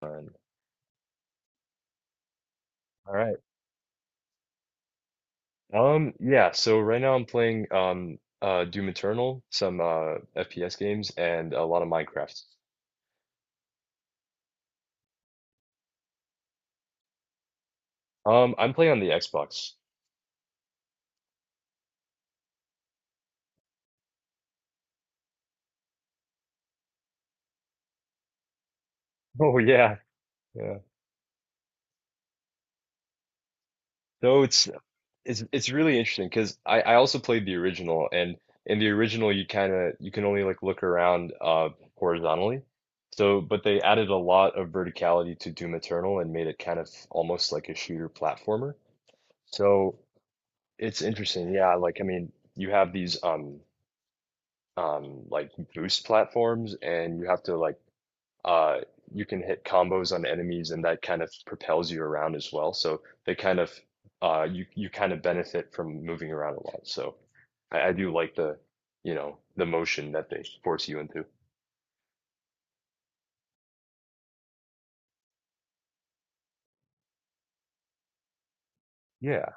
Fun. All right. Yeah, so right now I'm playing Doom Eternal, some FPS games and a lot of Minecraft. I'm playing on the Xbox. Oh yeah, yeah. So it's it's really interesting because I also played the original, and in the original you can only like look around horizontally. But they added a lot of verticality to Doom Eternal and made it kind of almost like a shooter platformer. So it's interesting. Yeah, like you have these like boost platforms, and you have to uh you can hit combos on enemies and that kind of propels you around as well. So they you kind of benefit from moving around a lot. So I do like the the motion that they force you into. Yeah.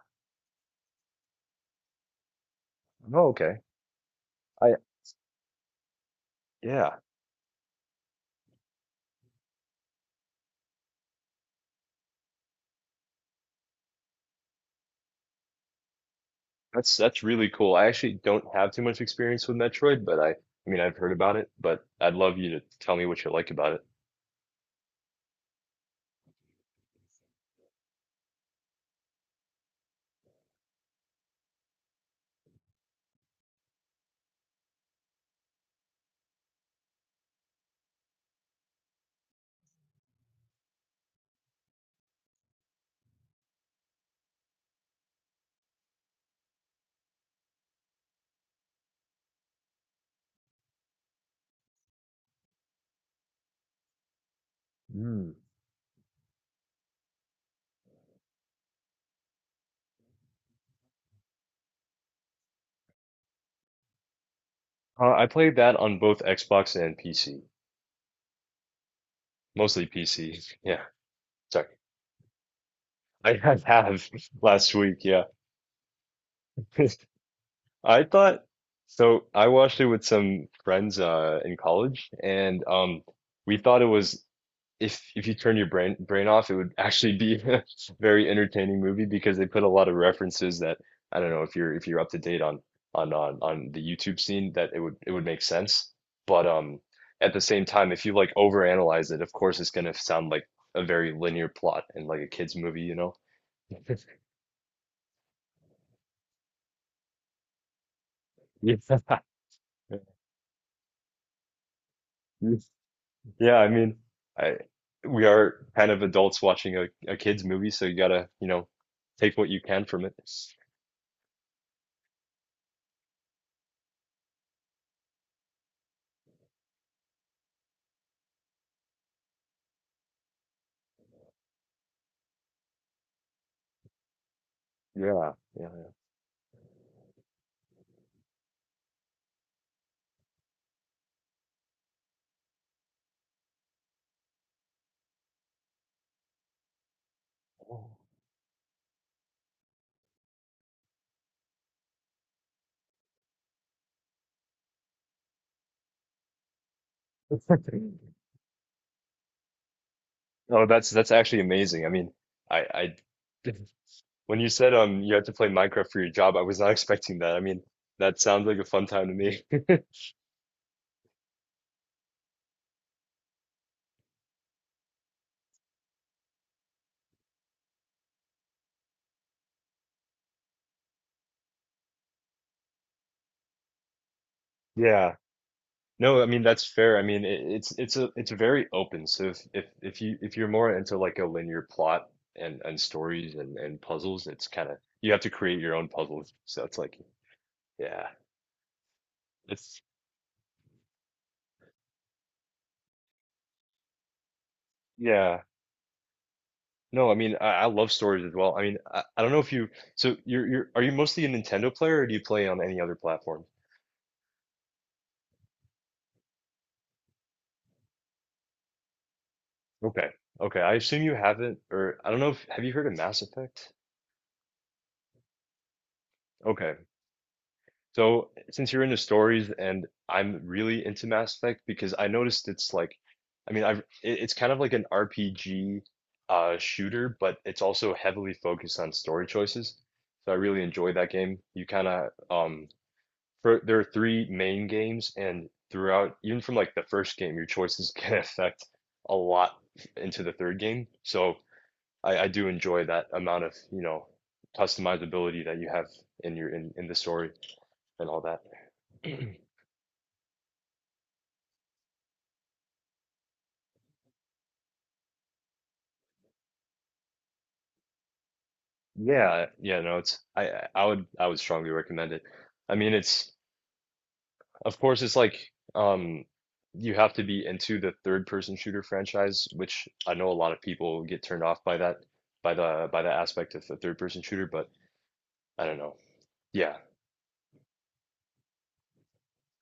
Oh, okay. I yeah. That's really cool. I actually don't have too much experience with Metroid, but I've heard about it, but I'd love you to tell me what you like about it. Mm. I played that on both Xbox and PC. Mostly PC. Yeah. Sorry. I have last week. Yeah. I thought so. I watched it with some friends in college, and we thought it was, if you turn your brain off, it would actually be a very entertaining movie because they put a lot of references that I don't know if you're up to date on the YouTube scene, that it would make sense. But at the same time, if you like overanalyze it, of course it's gonna sound like a very linear plot and like a kid's movie, you know? Yeah. Yeah, I mean, I we are kind of adults watching a kid's movie, so you gotta, you know, take what you can from it. Yeah, yeah, yeah. Oh, that's actually amazing. I mean, I, I when you said you had to play Minecraft for your job, I was not expecting that. I mean, that sounds like a fun time to me. Yeah. No, I mean that's fair. I mean it's very open. So if you if you're more into like a linear plot and stories and puzzles, it's kind of you have to create your own puzzles. So it's like yeah, it's yeah. No, I mean I love stories as well. I mean I don't know if you you're are you mostly a Nintendo player, or do you play on any other platform? Okay, okay. I assume you haven't, or I don't know if have you heard of Mass Effect? Okay. So, since you're into stories, and I'm really into Mass Effect because I noticed it's like, I mean, I've it, it's kind of like an RPG shooter, but it's also heavily focused on story choices. So I really enjoy that game. You kind of there are 3 main games, and throughout, even from like the first game, your choices can affect a lot into the third game. So I do enjoy that amount of, you know, customizability that you have in your in the story and all that. Yeah, yeah, no, it's I would strongly recommend it. I mean, it's of course it's like um you have to be into the third person shooter franchise, which I know a lot of people get turned off by that by the aspect of the third person shooter, but I don't know. Yeah,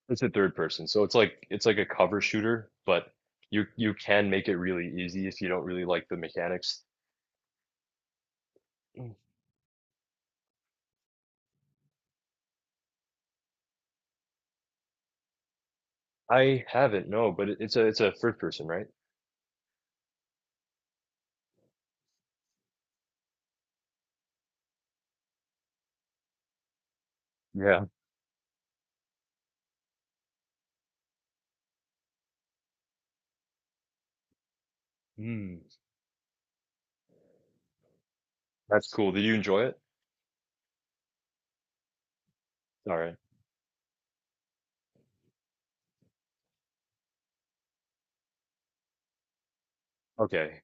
it's a third person. So it's like a cover shooter, but you can make it really easy if you don't really like the mechanics. Mm. I haven't, no, but it's a first person, right? Yeah. Hmm. That's cool. Did you enjoy it? All right. Okay.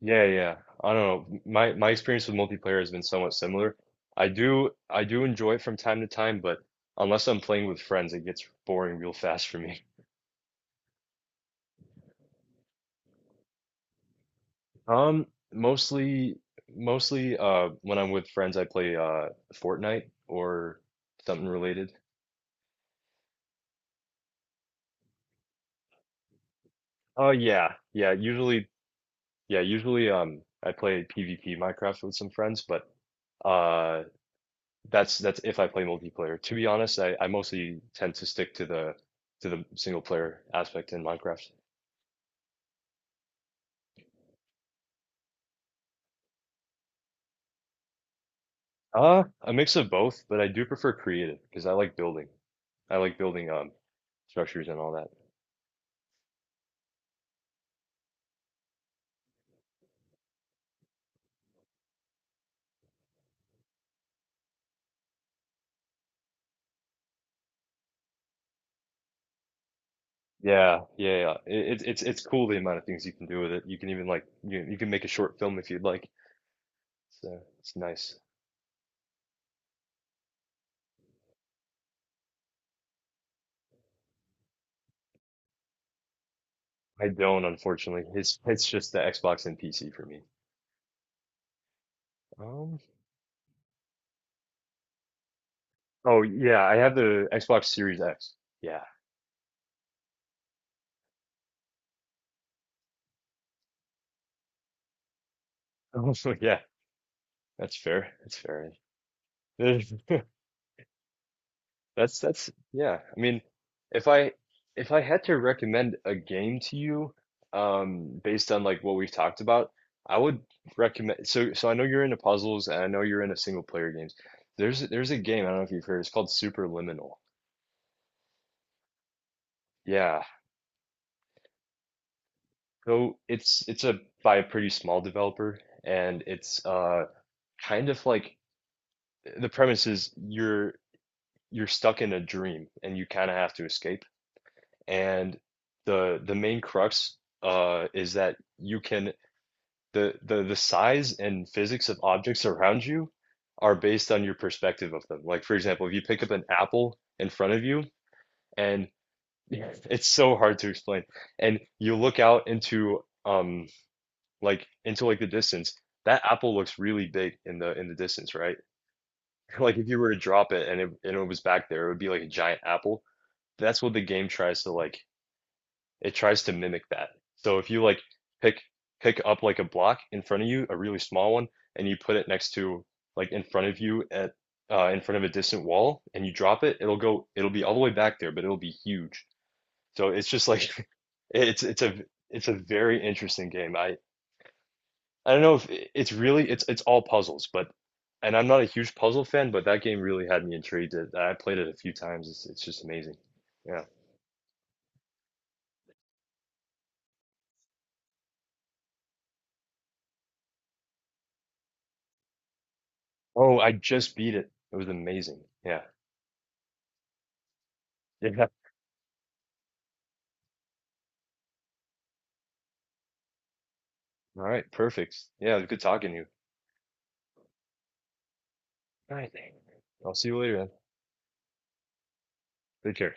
Yeah, yeah. I don't know. My experience with multiplayer has been somewhat similar. I do enjoy it from time to time, but unless I'm playing with friends, it gets boring real fast for me. Um, mostly when I'm with friends, I play Fortnite or something related. Oh yeah. Yeah, usually yeah, usually I play PvP Minecraft with some friends, but uh that's if I play multiplayer. To be honest, I mostly tend to stick to the single player aspect in Minecraft. A mix of both, but I do prefer creative because I like building. I like building structures and all that. Yeah, yeah, yeah. It's cool the amount of things you can do with it. You can even you can make a short film if you'd like. So it's nice. I don't, unfortunately. It's just the Xbox and PC for me. Um. Oh yeah, I have the Xbox Series X. Yeah. Oh, yeah. That's fair. That's fair. That's that's yeah. I mean, if I if I had to recommend a game to you, based on like what we've talked about, I would recommend. So I know you're into puzzles, and I know you're into single player games. There's a game I don't know if you've heard. It's called Superliminal. Yeah. So it's a by a pretty small developer, and it's kind of like, the premise is you're stuck in a dream, and you kind of have to escape. And the main crux, is that you can the, the size and physics of objects around you are based on your perspective of them. Like for example, if you pick up an apple in front of you and yeah, it's so hard to explain, and you look out into into like the distance, that apple looks really big in the distance, right? Like if you were to drop it, and it was back there, it would be like a giant apple. That's what the game tries to like it tries to mimic that. So if you like pick pick up like a block in front of you, a really small one, and you put it next to like in front of you at in front of a distant wall, and you drop it, it'll go, it'll be all the way back there, but it'll be huge. So it's just like it's it's a it's a very interesting game. I don't know if it's really it's all puzzles, but and I'm not a huge puzzle fan, but that game really had me intrigued. It- I played it a few times. It's just amazing. Yeah. Oh, I just beat it. It was amazing. Yeah. Yeah. All right, perfect. Yeah, it was good talking to you. All right, I'll see you later then. Take care.